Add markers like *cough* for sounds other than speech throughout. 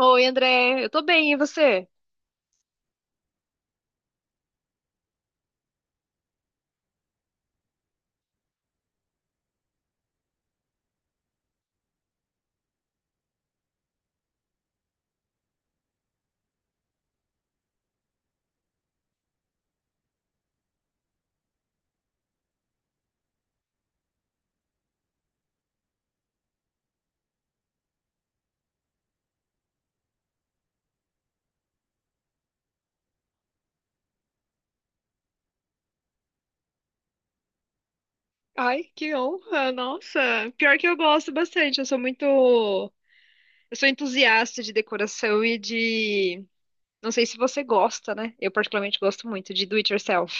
Oi, André, eu tô bem, e você? Ai, que honra! Nossa, pior que eu gosto bastante. Eu sou entusiasta de decoração e não sei se você gosta, né? Eu particularmente gosto muito de do it yourself.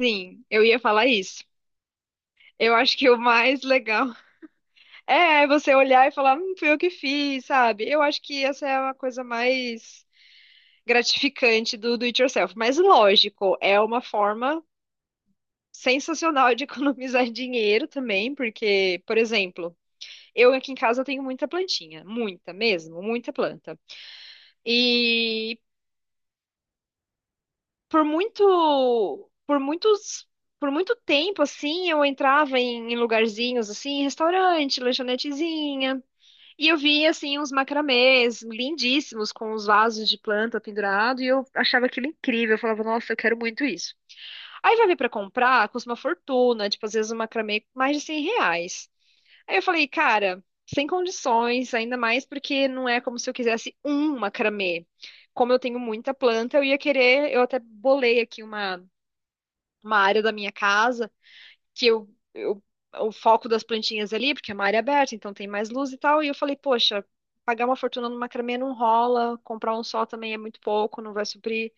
Sim, eu ia falar isso. Eu acho que o mais legal *laughs* é você olhar e falar, fui eu que fiz, sabe? Eu acho que essa é uma coisa mais gratificante do do it yourself. Mas lógico, é uma forma sensacional de *laughs* economizar dinheiro também, porque, por exemplo, eu aqui em casa tenho muita plantinha, muita mesmo, muita planta. E por muito, por muitos, por muito tempo assim, eu entrava em lugarzinhos assim, restaurante, lanchonetezinha, e eu via assim uns macramês lindíssimos com os vasos de planta pendurado, e eu achava aquilo incrível, eu falava, nossa, eu quero muito isso. Aí vai ver pra comprar, custa uma fortuna, tipo, às vezes um macramê com mais de 100 reais. Aí eu falei, cara, sem condições, ainda mais porque não é como se eu quisesse um macramê. Como eu tenho muita planta, eu ia querer, eu até bolei aqui uma área da minha casa que eu o foco das plantinhas ali, porque é uma área aberta, então tem mais luz e tal. E eu falei, poxa, pagar uma fortuna no macramê não rola, comprar um só também é muito pouco, não vai suprir.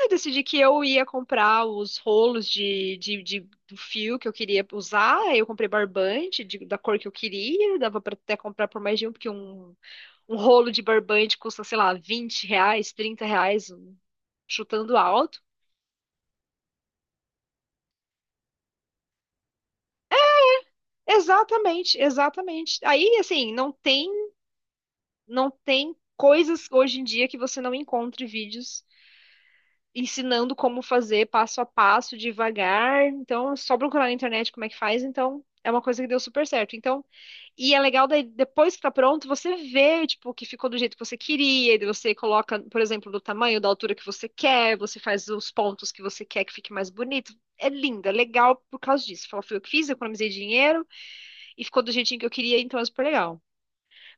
Eu decidi que eu ia comprar os rolos do fio que eu queria usar. Aí Eu comprei barbante da cor que eu queria. Dava para até comprar por mais de um, porque um rolo de barbante custa, sei lá, 20 reais, 30 reais, chutando alto. Exatamente, exatamente. Aí, assim, não tem coisas hoje em dia que você não encontre vídeos ensinando como fazer passo a passo, devagar. Então, é só procurar na internet como é que faz. Então, é uma coisa que deu super certo. Então, e é legal daí, depois que tá pronto, você vê, tipo, que ficou do jeito que você queria, e daí você coloca, por exemplo, do tamanho, da altura que você quer, você faz os pontos que você quer que fique mais bonito. É lindo, é legal por causa disso. Fala, foi eu que fiz, eu economizei dinheiro e ficou do jeitinho que eu queria, então é super legal.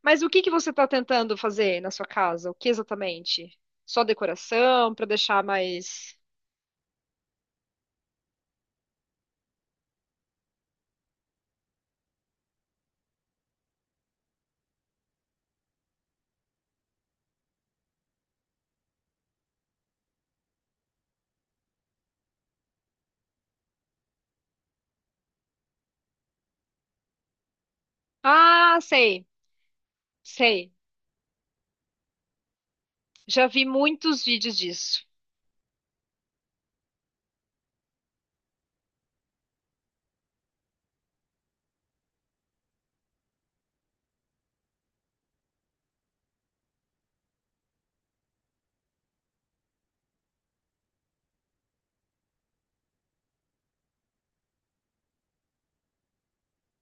Mas o que que você tá tentando fazer na sua casa? O que exatamente? Só decoração para deixar mais. Ah, sei, sei. Já vi muitos vídeos disso.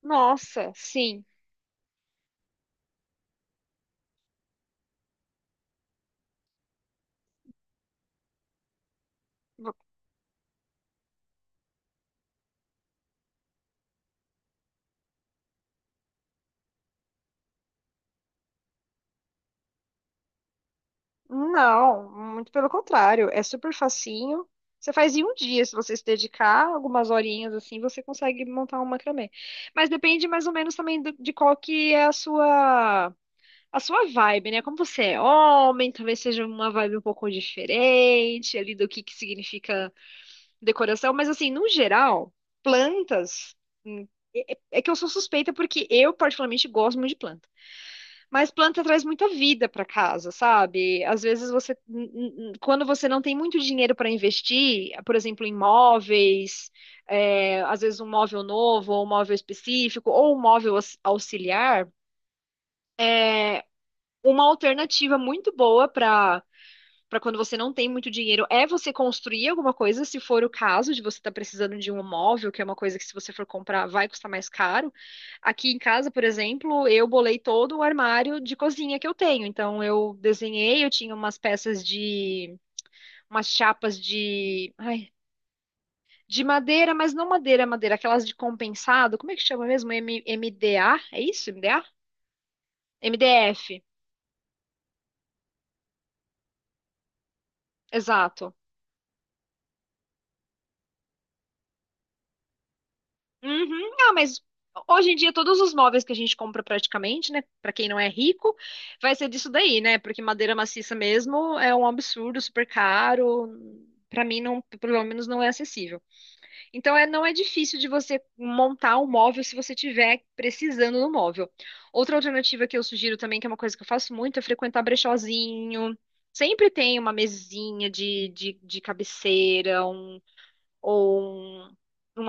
Nossa, sim. V- Não, muito pelo contrário. É super facinho. Você faz em um dia, se você se dedicar algumas horinhas assim, você consegue montar um macramê. Mas depende mais ou menos também de qual que é a sua vibe, né? Como você é homem, talvez seja uma vibe um pouco diferente ali do que significa decoração, mas assim, no geral, plantas. hum, É é que eu sou suspeita porque eu, particularmente, gosto muito de planta. Mas planta traz muita vida para casa, sabe? Às vezes você, quando você não tem muito dinheiro para investir, por exemplo, em móveis, às vezes um móvel novo, ou um móvel específico, ou um móvel auxiliar, uma alternativa muito boa para quando você não tem muito dinheiro é você construir alguma coisa, se for o caso de você estar precisando de um móvel, que é uma coisa que se você for comprar vai custar mais caro. Aqui em casa, por exemplo, eu bolei todo o armário de cozinha que eu tenho. Então eu desenhei, eu tinha umas peças de umas chapas de, ai, de madeira, mas não madeira, madeira, aquelas de compensado, como é que chama mesmo? MDA? É isso? MDA? MDF. Exato. Uhum. Ah, mas hoje em dia todos os móveis que a gente compra praticamente, né, pra quem não é rico, vai ser disso daí, né? Porque madeira maciça mesmo é um absurdo, super caro. Pra mim não, pelo menos não é acessível. Então é, não é difícil de você montar um móvel se você tiver precisando do móvel. Outra alternativa que eu sugiro também, que é uma coisa que eu faço muito, é frequentar brechózinho. Sempre tem uma mesinha de cabeceira, um, ou um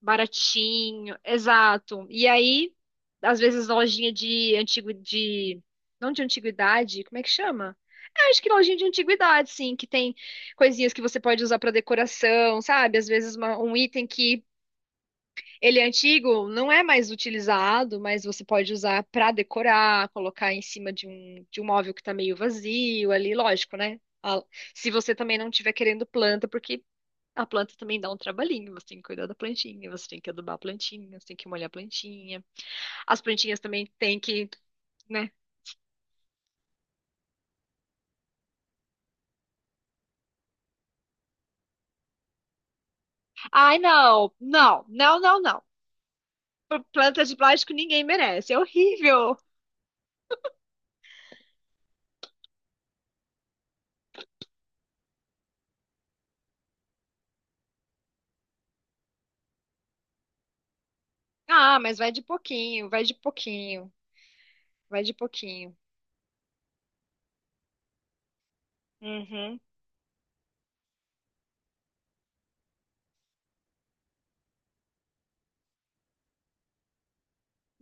baratinho, exato. E aí, às vezes, lojinha de antigo de. Não de antiguidade, como é que chama? É, acho que lojinha de antiguidade, sim, que tem coisinhas que você pode usar para decoração, sabe? Às vezes um item que ele é antigo, não é mais utilizado, mas você pode usar para decorar, colocar em cima de um móvel que tá meio vazio ali, lógico, né? A- Se você também não estiver querendo planta, porque a planta também dá um trabalhinho, você tem que cuidar da plantinha, você tem que adubar a plantinha, você tem que molhar a plantinha. As plantinhas também tem que, né? Ai, não, não, não, não, não. Planta de plástico ninguém merece, é horrível. Ah, mas vai de pouquinho, vai de pouquinho, vai de pouquinho. Uhum.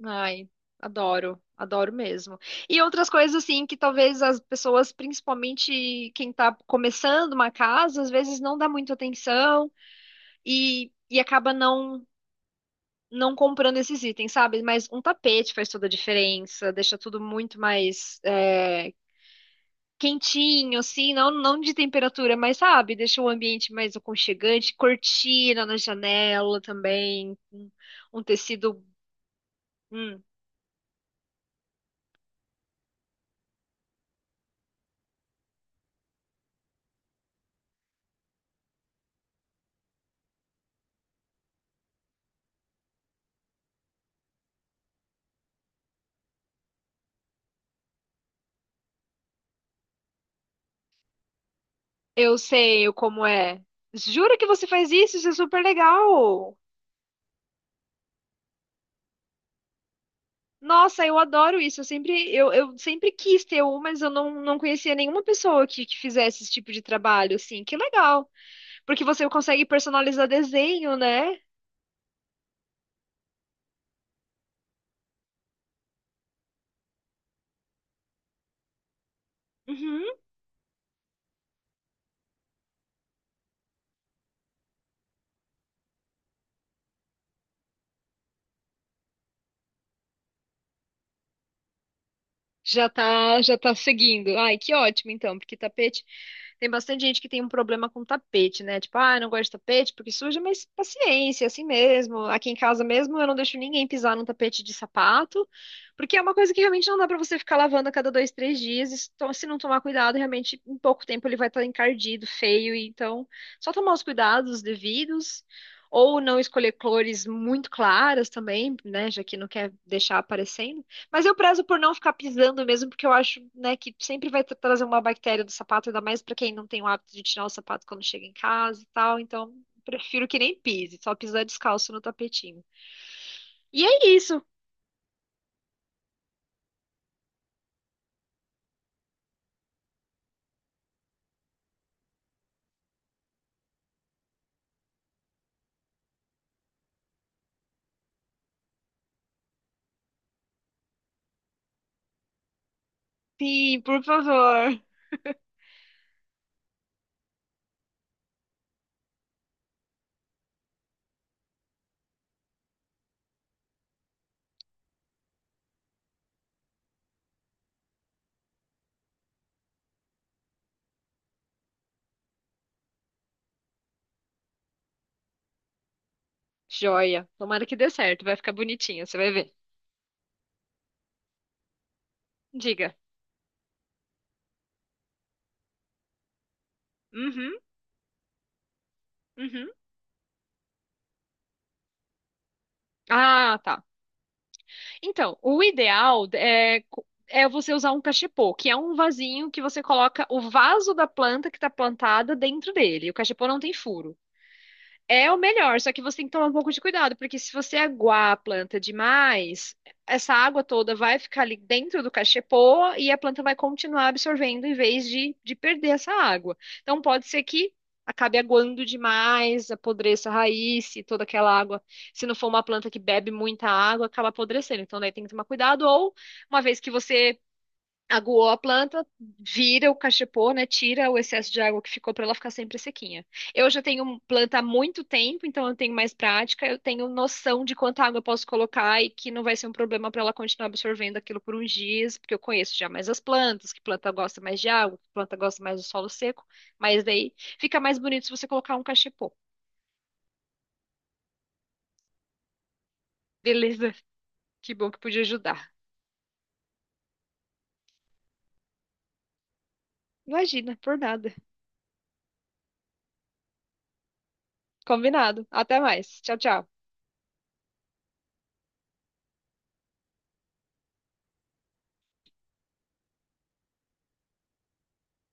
Ai, adoro, adoro mesmo. E outras coisas assim que talvez as pessoas, principalmente quem tá começando uma casa, às vezes não dá muita atenção e, acaba não comprando esses itens, sabe? Mas um tapete faz toda a diferença, deixa tudo muito mais quentinho, assim, não de temperatura, mas sabe? Deixa o ambiente mais aconchegante, cortina na janela também, um, tecido. hum, eu sei como é. Jura que você faz isso? Isso é super legal! Nossa, eu adoro isso. Eu sempre quis ter um, mas eu não conhecia nenhuma pessoa que fizesse esse tipo de trabalho, assim. Que legal! Porque você consegue personalizar desenho, né? Uhum. Já tá seguindo. Ai, que ótimo, então, porque tapete. Tem bastante gente que tem um problema com tapete, né? Tipo, ah, eu não gosto de tapete porque suja, mas paciência, assim mesmo. Aqui em casa mesmo eu não deixo ninguém pisar num tapete de sapato, porque é uma coisa que realmente não dá pra você ficar lavando a cada dois, três dias. E se não tomar cuidado, realmente em pouco tempo ele vai estar encardido, feio. Então, só tomar os cuidados devidos. Ou não escolher cores muito claras também, né? Já que não quer deixar aparecendo. Mas eu prezo por não ficar pisando mesmo, porque eu acho, né, que sempre vai trazer uma bactéria do sapato, ainda mais pra quem não tem o hábito de tirar o sapato quando chega em casa e tal. Então, prefiro que nem pise, só pisar descalço no tapetinho. E é isso. Sim, por favor. Joia. Tomara que dê certo, vai ficar bonitinho, você vai ver. Diga. Uhum, uhum. Ah, tá. Então, o ideal é você usar um cachepô, que é um vasinho que você coloca o vaso da planta que tá plantada dentro dele. O cachepô não tem furo. É o melhor, só que você tem que tomar um pouco de cuidado, porque se você aguar a planta demais, essa água toda vai ficar ali dentro do cachepô e a planta vai continuar absorvendo em vez de perder essa água. Então pode ser que acabe aguando demais, apodreça a raiz e toda aquela água. Se não for uma planta que bebe muita água, acaba apodrecendo. Então daí tem que tomar cuidado, ou uma vez que você aguou a planta, vira o cachepô, né? Tira o excesso de água que ficou para ela ficar sempre sequinha. Eu já tenho planta há muito tempo, então eu tenho mais prática, eu tenho noção de quanta água eu posso colocar e que não vai ser um problema para ela continuar absorvendo aquilo por uns dias, porque eu conheço já mais as plantas, que planta gosta mais de água, que planta gosta mais do solo seco, mas daí fica mais bonito se você colocar um cachepô. Beleza, *laughs* que bom que pude ajudar. Imagina, por nada. Combinado. Até mais. Tchau, tchau.